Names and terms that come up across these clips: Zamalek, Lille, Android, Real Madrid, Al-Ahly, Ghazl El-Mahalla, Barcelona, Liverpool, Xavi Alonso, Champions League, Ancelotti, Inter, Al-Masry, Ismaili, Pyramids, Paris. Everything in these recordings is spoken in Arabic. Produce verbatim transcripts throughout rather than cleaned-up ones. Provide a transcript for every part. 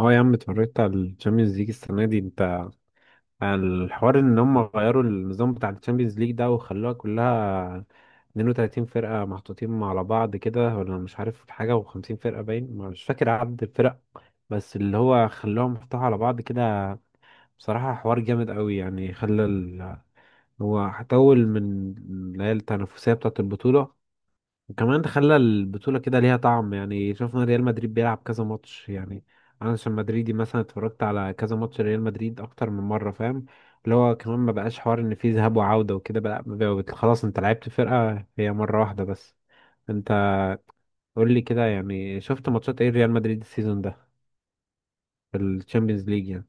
اه يا عم اتفرجت على الشامبيونز ليج السنه دي انت. الحوار ان هم غيروا النظام بتاع الشامبيونز ليج ده وخلوها كلها اتنين وتلاتين فرقه محطوطين على بعض كده، ولا مش عارف حاجه، و50 فرقه باين، مش فاكر عدد الفرق، بس اللي هو خلاهم محطوطة على بعض كده. بصراحه حوار جامد قوي، يعني خلى ال... هو هتطول من اللي هي التنافسيه بتاعه البطوله. وكمان خلى البطولة كده ليها طعم، يعني شفنا ريال مدريد بيلعب كذا ماتش يعني. أنا عشان مدريدي مثلا اتفرجت على كذا ماتش ريال مدريد أكتر من مرة، فاهم؟ اللي هو كمان ما بقاش حوار إن فيه ذهاب وعودة وكده بقى. بقى- خلاص أنت لعبت فرقة هي مرة واحدة بس. أنت قول لي كده، يعني شفت ماتشات إيه ريال مدريد السيزون ده في الشامبيونز ليج يعني.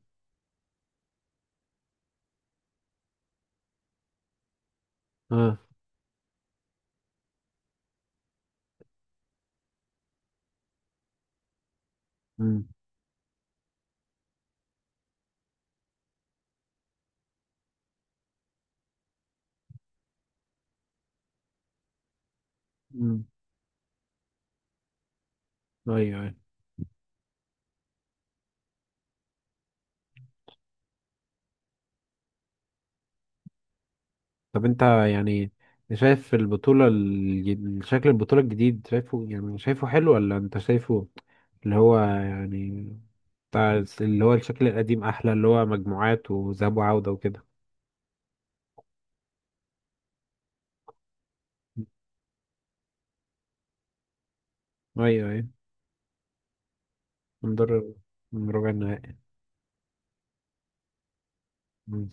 اه. امم امم ايوه، أيوه. طب انت، يعني شايف البطولة الج- شكل البطولة الجديد، شايفه يعني شايفه حلو، ولا انت شايفه اللي هو يعني بتاع الس- اللي هو الشكل القديم احلى، اللي هو مجموعات وذهاب وعودة وكده؟ ايوه ايوه. نضر من ربع النهائي. مم.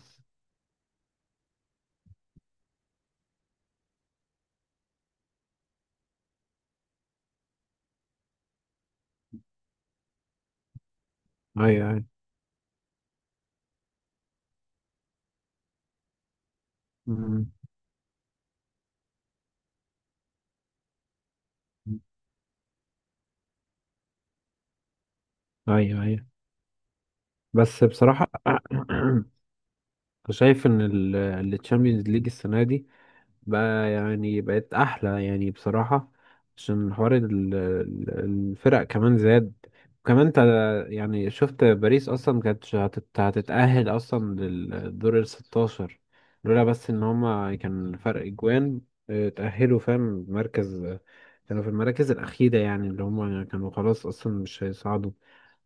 ايوه ايوه. مم. ايوه ايوه. بس بصراحة شايف ان التشامبيونز ليج السنة دي بقى يعني بقت احلى يعني بصراحة، عشان حوار ال- ال- الفرق كمان زاد. وكمان انت يعني شفت باريس اصلا كانت هتت- هتتأهل اصلا للدور ال ستاشر، لولا بس ان هما كان فرق اجوان اه، تأهلوا، فاهم؟ مركز، كانوا في المراكز الأخيرة يعني، اللي هما كانوا خلاص أصلا مش هيصعدوا.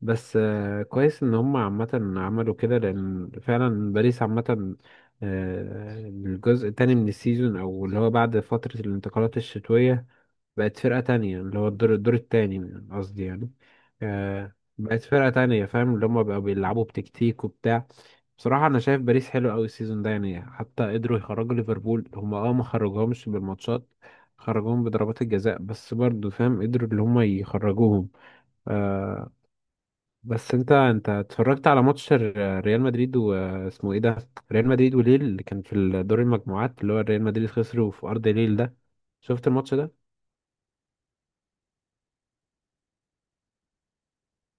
بس آه، كويس إن هما عامة عملوا كده، لأن فعلا باريس عامة آه، الجزء التاني من السيزون، او اللي هو بعد فترة الانتقالات الشتوية بقت فرقة تانية. اللي هو الدور الدور التاني قصدي يعني، آه، بقت فرقة تانية، فاهم؟ اللي هما بقوا بيلعبوا بتكتيك وبتاع. بصراحة أنا شايف باريس حلو أوي السيزون ده، يعني حتى قدروا يخرجوا ليفربول هما. اه، ما خرجوهمش بالماتشات، خرجوهم بضربات الجزاء، بس برضه فاهم قدروا اللي هما يخرجوهم. آه، بس انت انت اتفرجت على ماتش ال- ريال مدريد واسمه ايه ده، ريال مدريد وليل اللي كان في ال- دور المجموعات، اللي هو ريال مدريد خسروا في ارض ليل ده، شفت الماتش ده؟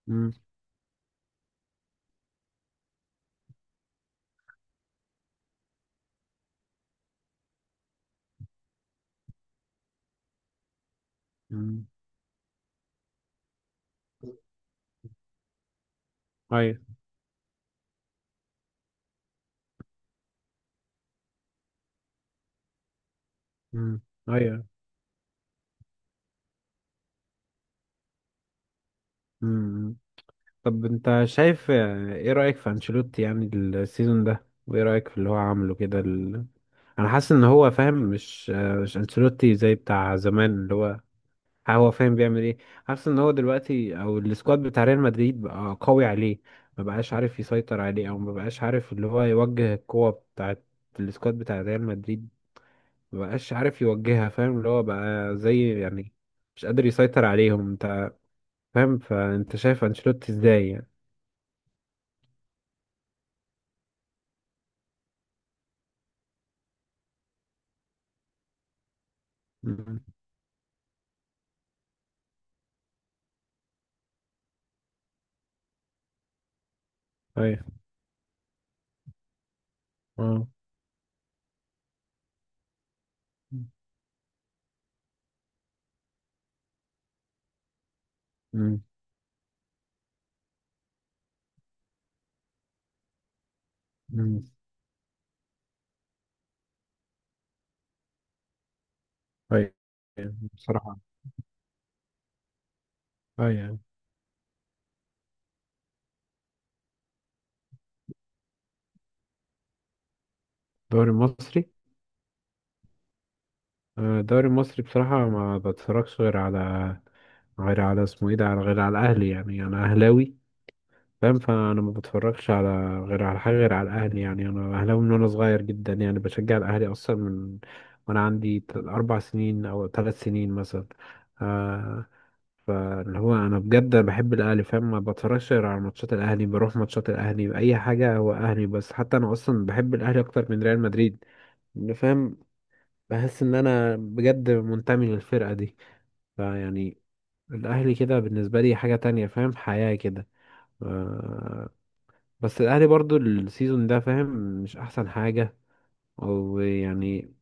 امم امم ايوه. امم ايوه. امم طب انت شايف اه، ايه رأيك في انشيلوتي يعني السيزون ده، وايه رأيك في اللي هو عامله كده ال... انا حاسس ان هو فاهم مش اه، مش انشيلوتي زي بتاع زمان. اللي هو هو فاهم بيعمل ايه، حاسس ان هو دلوقتي او السكواد بتاع ريال مدريد بقى قوي عليه، ما بقاش عارف يسيطر عليه، او ما بقاش عارف اللي هو يوجه القوة بتاعت السكواد بتاع ريال مدريد، ما بقاش عارف يوجهها، فاهم؟ اللي هو بقى زي يعني مش قادر يسيطر عليهم. انت فاهم، فانت شايف انشيلوتي ازاي يعني؟ مم. ايوه. اه مم. مم. ايوه. بصراحة، ايوه. الدوري المصري؟ آه، الدوري المصري بصراحة ما بتفرجش غير على، غير على اسمه ايه ده، على غير على الأهلي، يعني أنا أهلاوي فاهم. فأنا ما بتفرجش على غير على حاجة غير على الأهلي، يعني أنا أهلاوي من وأنا صغير جدا يعني. بشجع الأهلي أصلا من وأنا عندي ت- أربع سنين أو ثلاث سنين مثلا. آه. فاللي هو أنا بجد بحب الأهلي فاهم، ما بتفرجش غير على ماتشات الأهلي، بروح ماتشات الأهلي، أي حاجة هو أهلي. بس حتى أنا أصلا بحب الأهلي أكتر من ريال مدريد، إن فاهم. بحس ان انا بجد منتمي للفرقة دي، فيعني الاهلي كده بالنسبة لي حاجة تانية، فاهم، حياة كده. ف- بس الاهلي برضو السيزون ده فاهم مش احسن حاجة، او يعني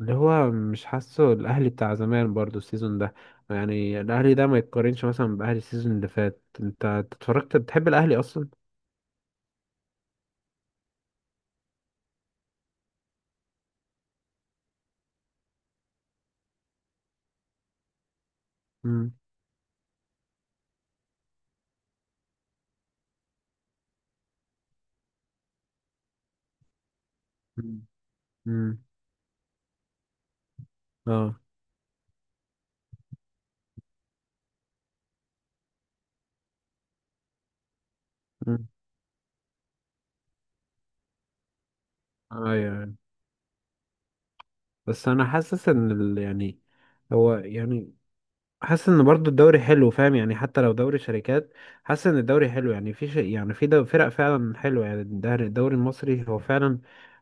اللي هو مش حاسه الاهلي بتاع زمان برضو السيزون ده. يعني الاهلي ده ما يتقارنش مثلا باهلي السيزون اللي فات. انت اتفرجت، بتحب الاهلي اصلا؟ امم امم اه. امم ايوه. بس انا حاسس ان ال- يعني هو يعني، حاسس ان برضو الدوري حلو فاهم، يعني حتى لو دوري شركات، حاسس ان الدوري حلو. يعني في شيء يعني في دو فرق فعلا حلوه يعني. الدهر- الدوري المصري هو فعلا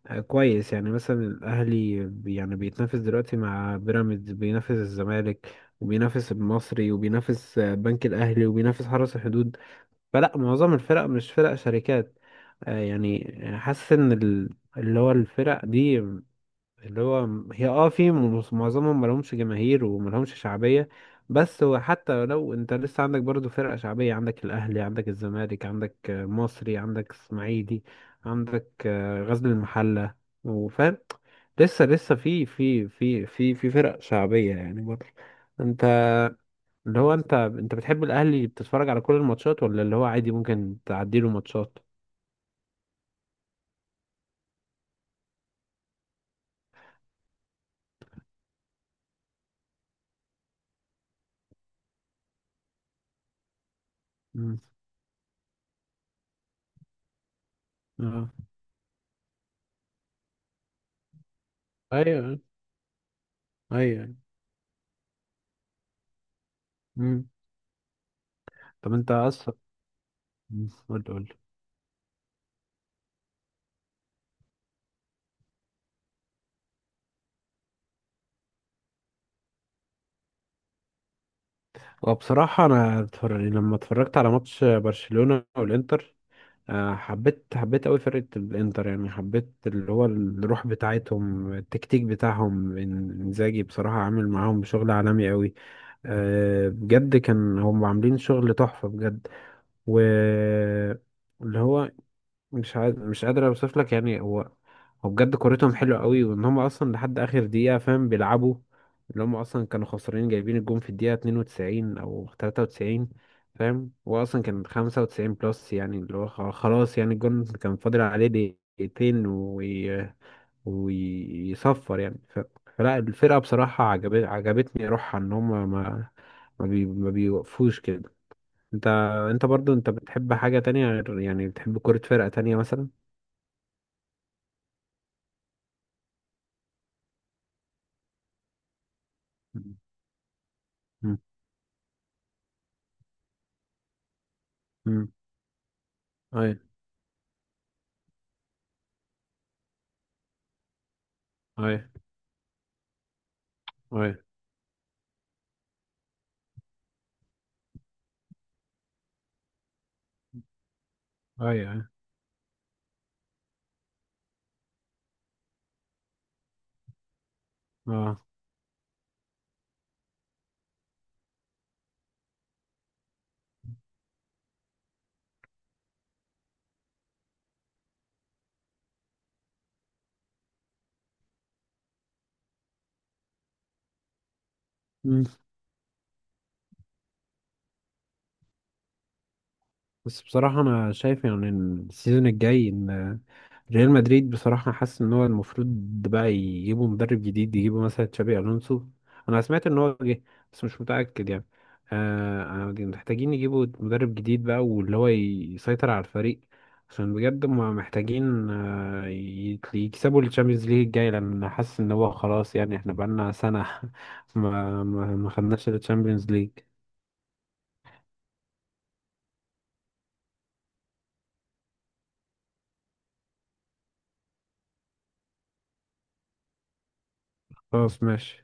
آه، كويس. يعني مثلا الاهلي بي- يعني بيتنافس دلوقتي مع بيراميدز، بينافس الزمالك، وبينافس المصري، وبينافس آه، بنك الاهلي، وبينافس حرس الحدود. فلا معظم الفرق مش فرق شركات. آه، يعني حاسس ان ال- اللي هو الفرق دي، اللي هو م- هي اه في م- معظمهم ملهمش جماهير وملهمش شعبية. بس هو حتى لو انت لسه عندك برضو فرقة شعبية، عندك الأهلي، عندك الزمالك، عندك آه، مصري، عندك اسماعيلي، عندك آه، غزل المحلة، وفاهم لسه لسه في في في في في فرق شعبية يعني برضو. انت اللي هو انت انت بتحب الأهلي، بتتفرج على كل الماتشات، ولا اللي هو عادي ممكن تعديله ماتشات؟ مم. اه ايوه ايوه. مم. طب انت اصلا، قول قول. وبصراحة أنا اتفر- يعني لما اتفرجت على ماتش برشلونة والإنتر، آه، حبيت حبيت أوي فرقة الإنتر. يعني حبيت اللي هو الروح بتاعتهم، التكتيك بتاعهم، إن- إنزاجي بصراحة عامل معاهم شغل عالمي أوي. آه، بجد كان هم عاملين شغل تحفة بجد. واللي هو مش عاد... مش قادر اوصف لك. يعني هو هو بجد كورتهم حلوه قوي، وان هم اصلا لحد اخر دقيقه فاهم بيلعبوا. اللي هم اصلا كانوا خسرانين، جايبين الجون في الدقيقه اتنين وتسعين او تلاتة وتسعين فاهم. هو اصلا كان خمسة وتسعين بلس يعني، اللي هو خ- خلاص يعني، الجون كان فاضل عليه دقيقتين وي... ويصفر يعني. ف... فلا الفرقه بصراحه عجبت عجبتني روحها. ان هم ما ما, بي... ما بيوقفوش كده. انت انت برضو انت بتحب حاجة تانية غير يعني، بتحب كرة فرقة تانية مثلا؟ مم. مم. اي اي اي اي اي اه. مم. بس بصراحة انا شايف يعني ان السيزون الجاي، ان ريال مدريد بصراحة حاسس إن هو المفروض بقى يجيبوا مدرب جديد، يجيبوا مثلا تشابي ألونسو. أنا سمعت إن هو جه بس مش متأكد يعني. آه. آه، محتاجين يجيبوا مدرب جديد بقى، واللي هو يسيطر على الفريق، عشان بجد هما محتاجين آه ي- يكسبوا الشامبيونز ليج الجاي. لأن حاسس إن هو خلاص يعني، إحنا بقالنا سنة ما ما ما خدناش الشامبيونز ليج. خلاص ماشي.